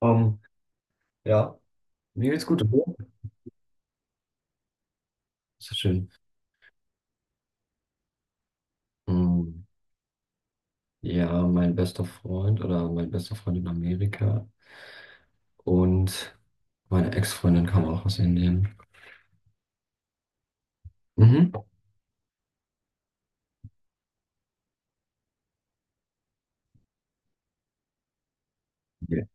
Ähm, ja, mir geht's gut. Und dir? Ist das schön. Hm, ja, mein bester Freund oder mein bester Freund in Amerika und meine Ex-Freundin kam auch aus Indien. Mhm. Okay.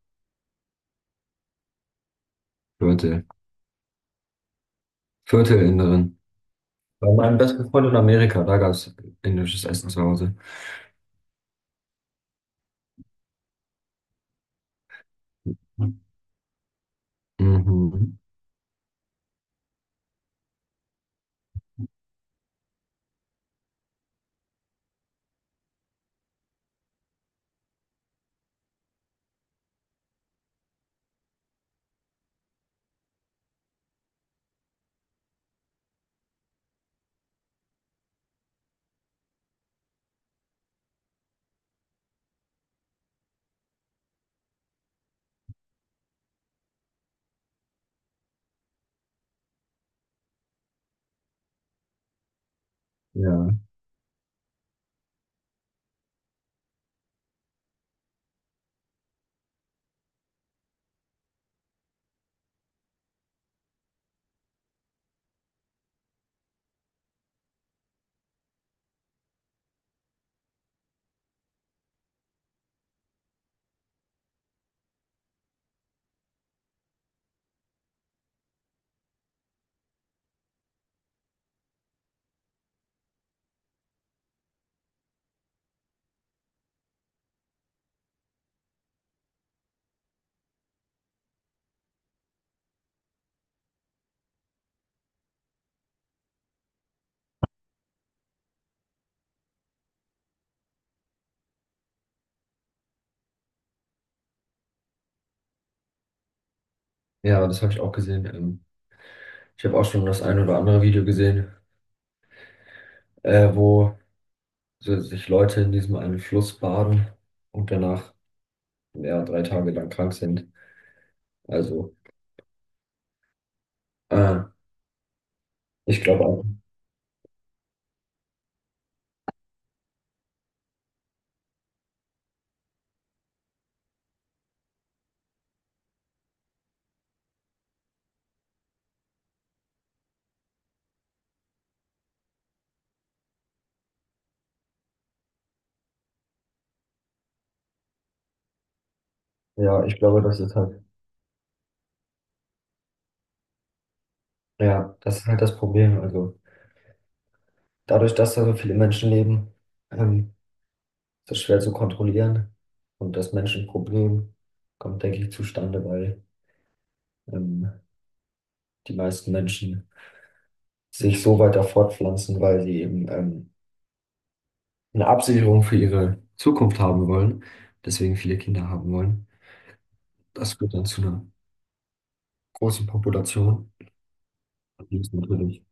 Viertel. Viertelinderin. Bei meinem besten Freund in Amerika, da gab's indisches Essen zu Hause. Mhm. Ja, ja, das habe ich auch gesehen. Ich habe auch schon das ein oder andere Video gesehen, wo so sich Leute in diesem einen Fluss baden und danach ja, drei Tage lang krank sind. Also, äh, ich glaube auch. Ja, ich glaube, das ist halt, ja, das ist halt das Problem. Also, dadurch, dass da so viele Menschen leben, ähm, ist es schwer zu kontrollieren. Und das Menschenproblem kommt, denke ich, zustande, weil ähm, die meisten Menschen sich so weiter fortpflanzen, weil sie eben eine Absicherung für ihre Zukunft haben wollen, deswegen viele Kinder haben wollen. Das führt dann zu einer großen Population. Und ist natürlich.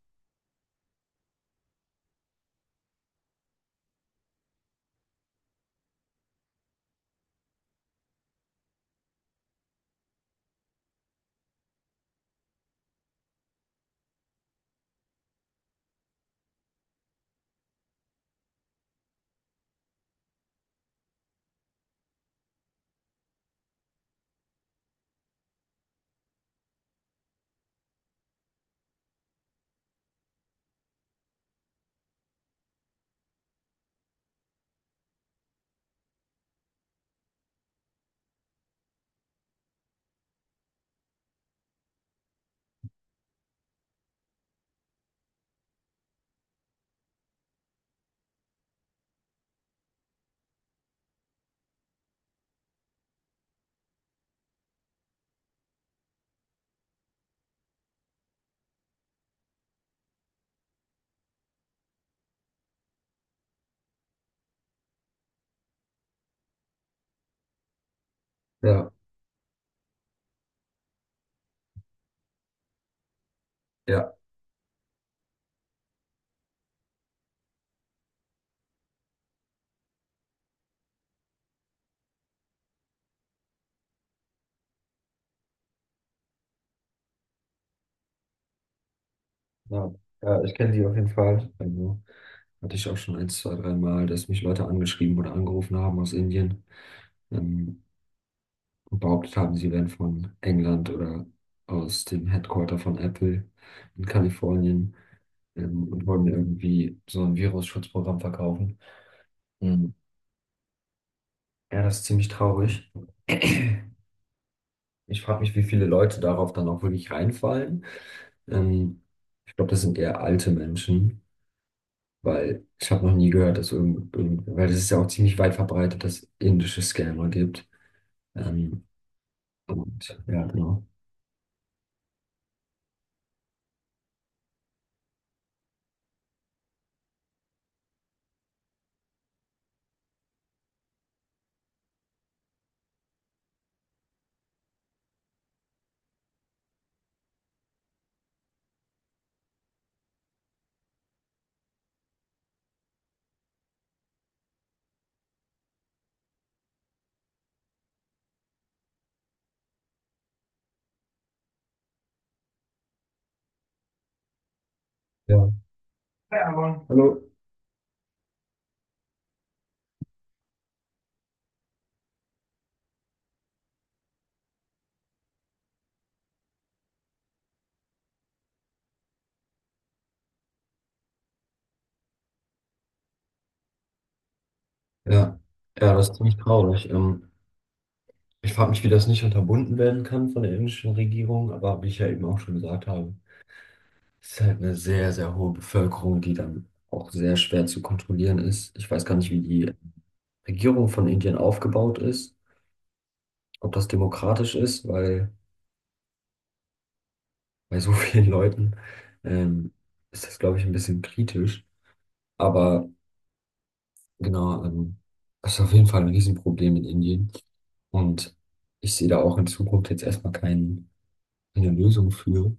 Ja, ja. Ja, ja, ich kenne die auf jeden Fall. Also, hatte ich auch schon ein, zwei, drei Mal, dass mich Leute angeschrieben oder angerufen haben aus Indien, ähm, und behauptet haben, sie wären von England oder aus dem Headquarter von Apple in Kalifornien, und wollen mir irgendwie so ein Virusschutzprogramm verkaufen. Mhm. Ja, das ist ziemlich traurig. Ich frage mich, wie viele Leute darauf dann auch wirklich reinfallen. Ähm, Ich glaube, das sind eher alte Menschen. Weil ich habe noch nie gehört, dass weil es ist ja auch ziemlich weit verbreitet, dass es indische Scammer gibt. Ähm, und ja, genau. Ja. Hi, Aaron. Hallo. Ja, ja, das ist ziemlich traurig. Ich frage mich, wie das nicht unterbunden werden kann von der indischen Regierung, aber wie ich ja eben auch schon gesagt habe, es ist halt eine sehr, sehr hohe Bevölkerung, die dann auch sehr schwer zu kontrollieren ist. Ich weiß gar nicht, wie die Regierung von Indien aufgebaut ist, ob das demokratisch ist, weil bei so vielen Leuten ähm, ist das, glaube ich, ein bisschen kritisch. Aber genau, das ist auf jeden Fall ein Riesenproblem in Indien. Und ich sehe da auch in Zukunft jetzt erstmal keine Lösung für.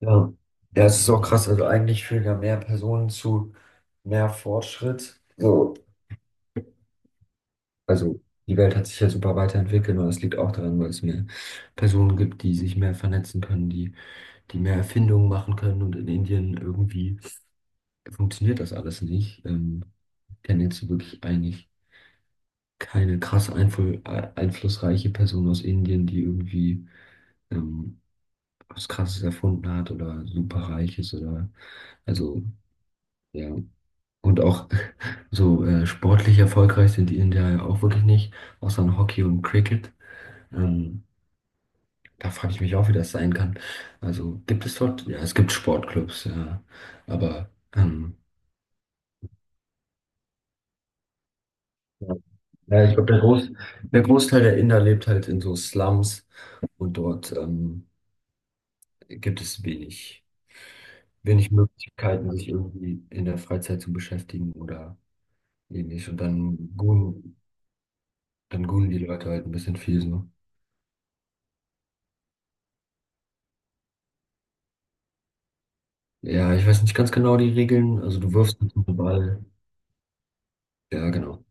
Ja. Ja, es ist auch krass. Also eigentlich führen ja mehr Personen zu mehr Fortschritt. So, also die Welt hat sich ja super weiterentwickelt und das liegt auch daran, weil es mehr Personen gibt, die sich mehr vernetzen können, die mehr Erfindungen machen können und in Indien irgendwie funktioniert das alles nicht. Ich kenne jetzt wirklich eigentlich keine krass einflussreiche Person aus Indien, die irgendwie ähm, was Krasses erfunden hat oder superreich ist oder also ja. Und auch so sportlich erfolgreich sind die Inder ja auch wirklich nicht, außer in Hockey und Cricket. Ähm, Da frage ich mich auch, wie das sein kann. Also gibt es dort, ja, es gibt Sportclubs, ja, aber ähm, ja, ja, ich glaube, der Großteil der Inder lebt halt in so Slums und dort gibt es wenig, wenig Möglichkeiten, sich irgendwie in der Freizeit zu beschäftigen oder ähnlich. Und dann gunen die Leute halt ein bisschen viel so. Ja, ich weiß nicht ganz genau die Regeln. Also du wirfst mit dem Ball. Ja, genau.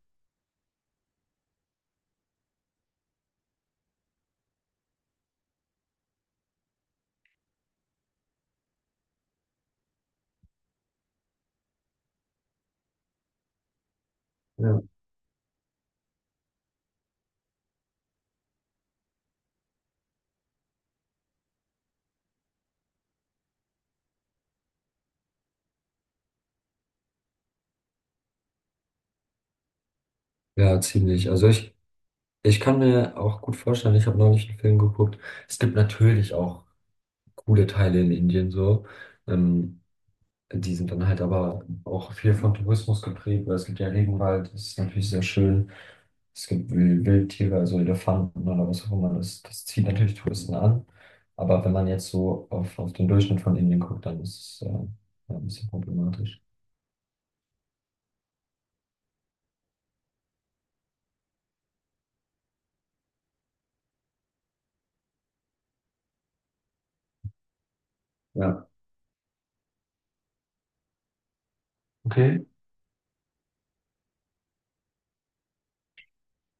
Ja. Ja, ziemlich. Ich kann mir auch gut vorstellen, ich habe neulich einen Film geguckt. Es gibt natürlich auch coole Teile in Indien so. Ähm, Die sind dann halt aber auch viel von Tourismus geprägt, weil es gibt ja Regenwald, das ist natürlich sehr schön. Es gibt Wildtiere, also Elefanten oder was auch immer. Das zieht natürlich Touristen an. Aber wenn man jetzt so auf den Durchschnitt von Indien guckt, dann ist es ja, ein bisschen problematisch. Ja. Okay.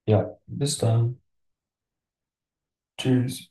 Ja, bis dann. Tschüss.